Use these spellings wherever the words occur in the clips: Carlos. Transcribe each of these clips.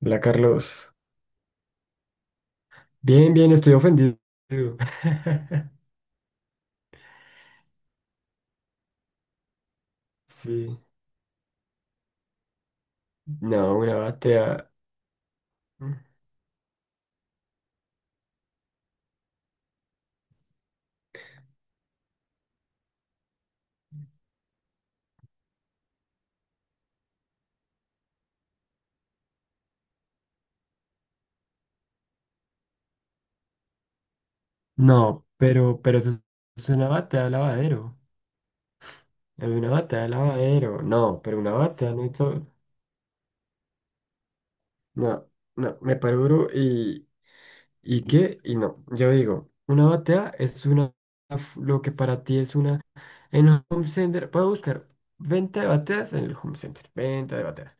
Hola, Carlos. Bien, bien, estoy ofendido. Sí. No, una batea. No, pero eso es una batea de lavadero. Es una batea de lavadero. No, pero una batea no hizo. No, no, me paro duro y. ¿Y qué? Y no. Yo digo, una batea es una. Lo que para ti es una. En el Home Center. Puedo buscar venta de bateas en el Home Center. Venta de bateas.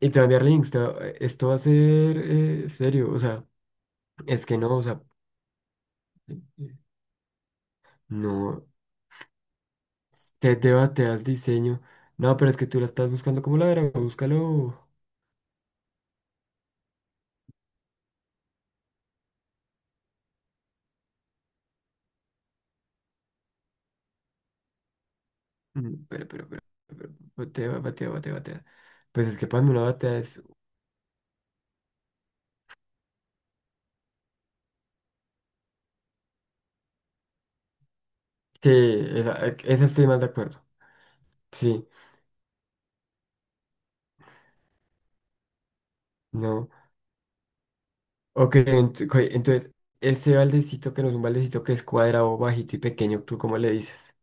Y te voy a enviar links. Esto va a ser serio. O sea. Es que no, o sea, no, te debate al diseño. No, pero es que tú la estás buscando como la verga, búscalo. Mm, pero, pero, batea, batea, batea, batea. Pues es que para mí una batea es... Sí, esa, esa estoy más de acuerdo. Sí, no. Ok, ok, entonces, ese baldecito que no es un baldecito que es cuadrado, bajito y pequeño, ¿tú cómo le dices?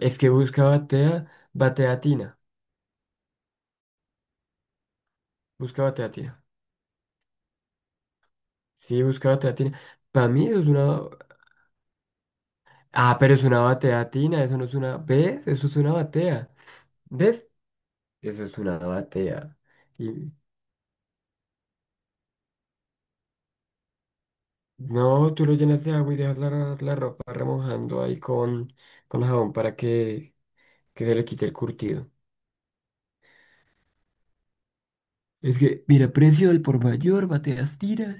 Es que busca batea, batea tina. Busca batea tina. Sí, busca batea tina. Para mí es una. Ah, pero es una batea tina, eso no es una... ¿Ves? Eso es una batea. ¿Ves? Eso es una batea. Y... No, tú lo llenas de agua y dejas la ropa remojando ahí con jabón para que se le quite el curtido. Es que, mira, precio del por mayor, bateas tiras.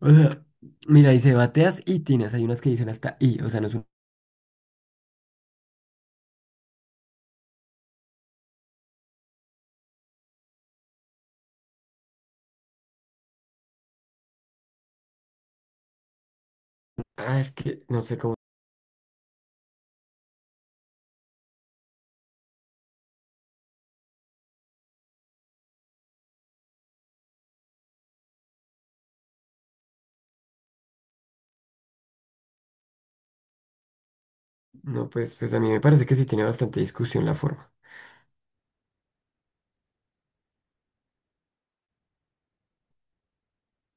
O sea, mira, dice bateas y tinas. Hay unas que dicen hasta y, o sea, no es un... Ah, es que no sé cómo... No, pues, pues a mí me parece que sí tiene bastante discusión la forma.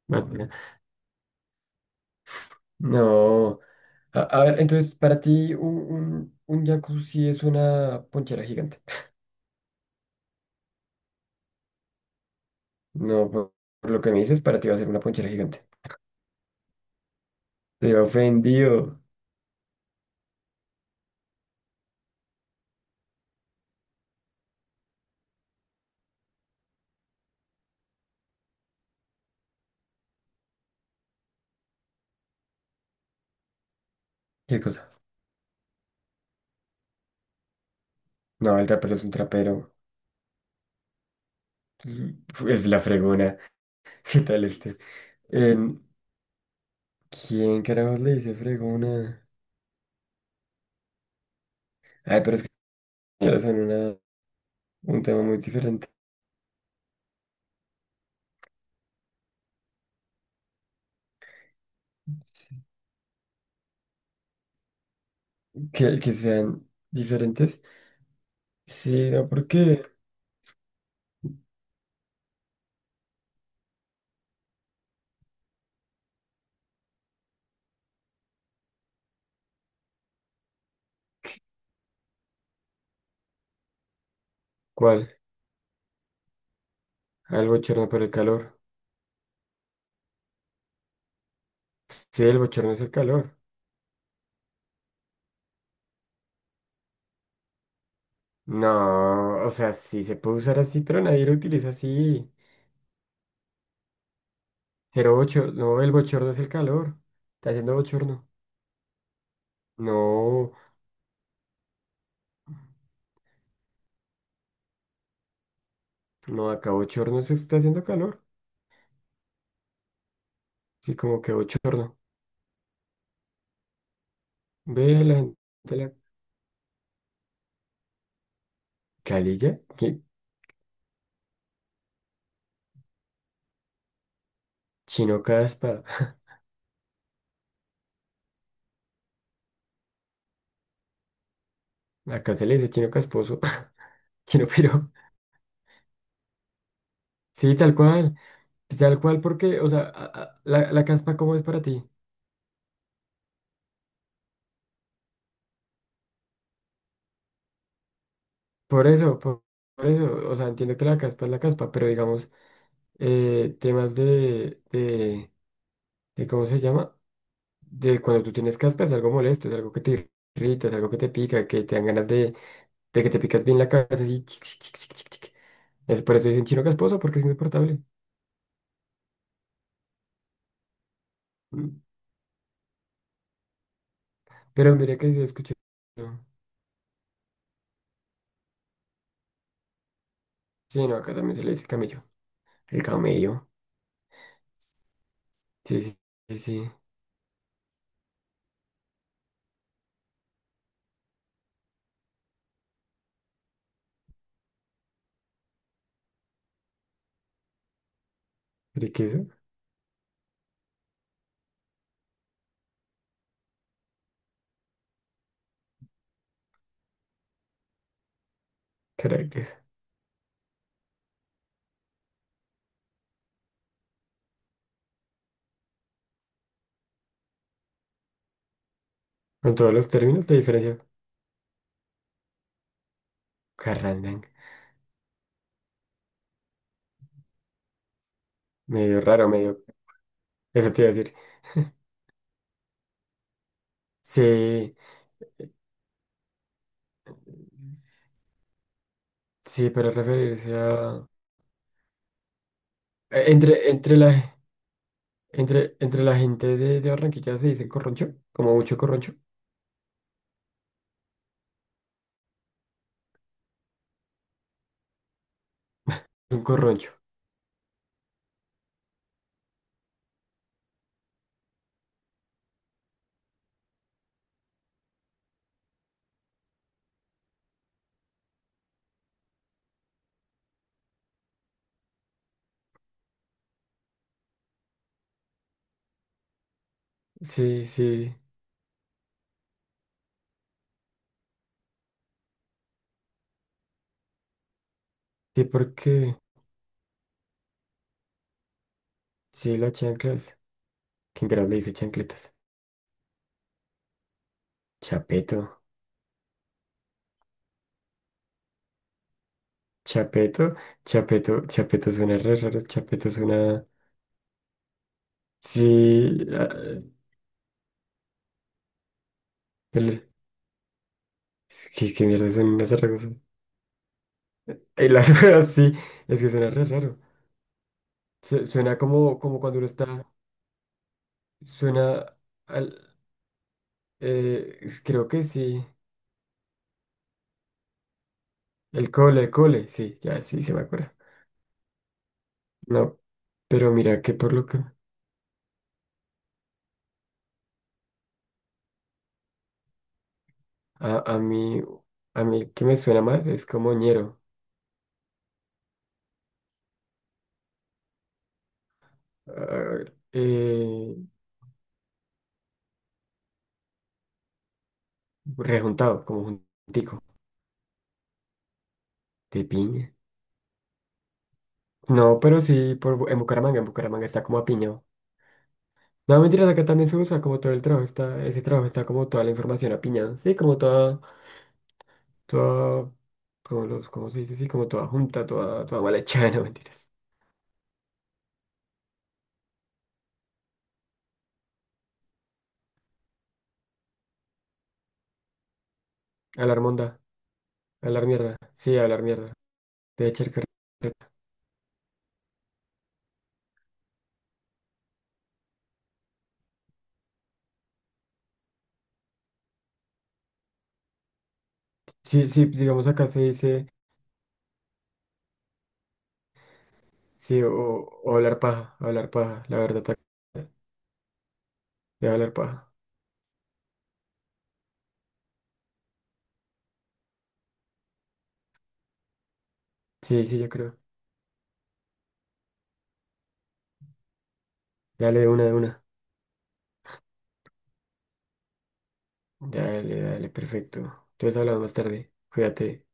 Batea. No. A ver, entonces, para ti, un jacuzzi es una ponchera gigante. No, por lo que me dices, para ti va a ser una ponchera gigante. Te he ofendido. ¿Qué cosa? No, el trapero es un trapero. Mm, es la fregona. ¿Qué tal este? Em, ¿Quién carajos le dice fregona? Ay, pero es que ya son una, un tema muy diferente. Que sean diferentes. Sí, no, ¿por qué? ¿Cuál? Ah, el bochorno por el calor. Sí, el bochorno es el calor. No, o sea, sí se puede usar así, pero nadie lo utiliza así. Pero bochorno, no, el bochorno es el calor. Está haciendo bochorno. No, no, acá bochorno se está haciendo calor. Sí, como que bochorno. Ve la gente la calilla, que chino caspa. Acá se le dice chino casposo. Chino pero. Sí, tal cual. Tal cual, porque, o sea, la, la caspa, ¿cómo es para ti? Por eso, por eso. O sea, entiendo que la caspa es la caspa, pero digamos. Temas de, ¿cómo se llama? De cuando tú tienes caspa es algo molesto, es algo que te irrita, es algo que te pica, que te dan ganas de que te picas bien la cabeza y chic, chic, chic, chic, chic, chic. Es por eso dicen chino casposo, porque es insoportable. Mm. Pero mira que se escucha. Sí, no, acá también se le dice camello. El camello. Sí, sí, sí, sí. Riqueza, caracas. Con todos los términos de diferencia. Carrandang. Medio raro, medio. Eso te iba a decir. Sí. Sí, para referirse a, entre, entre la, entre, entre la gente de Barranquilla se dice corroncho, como mucho corroncho. Un corroncho. Sí, sí, sí, porque sí, las chanclas. ¿Quién creas le dice chancletas? Chapeto, chapeto, chapeto, chapeto suena re raro, chapeto suena. Sí, ah, el- ¿qué, qué mierda son unas zarragozas? Y las cosas sí, es que suena re raro. Suena como, como cuando uno está. Suena al. Creo que sí. El cole, sí, ya sí se me acuerda. No, pero mira que por lo que a, a mí, a mí el que me suena más es como ñero, ah, eh, rejuntado, como juntico, de piña. No, pero sí, por, en Bucaramanga está como apiñado. No, mentiras, acá también se usa como todo el trabajo, está, ese trabajo está como toda la información apiñada, sí, como toda, toda, como los, ¿cómo se dice? Sí, como toda junta, toda, toda mal hecha, no mentiras. Hablar monda, hablar mierda, sí, hablar mierda, de echar carreta. Sí, sí, digamos acá se dice, sí, o hablar paja, la verdad, acá de hablar paja. Sí, sí, yo creo. Dale de una de una. Dale, dale, perfecto. Entonces hablamos más tarde. Cuídate.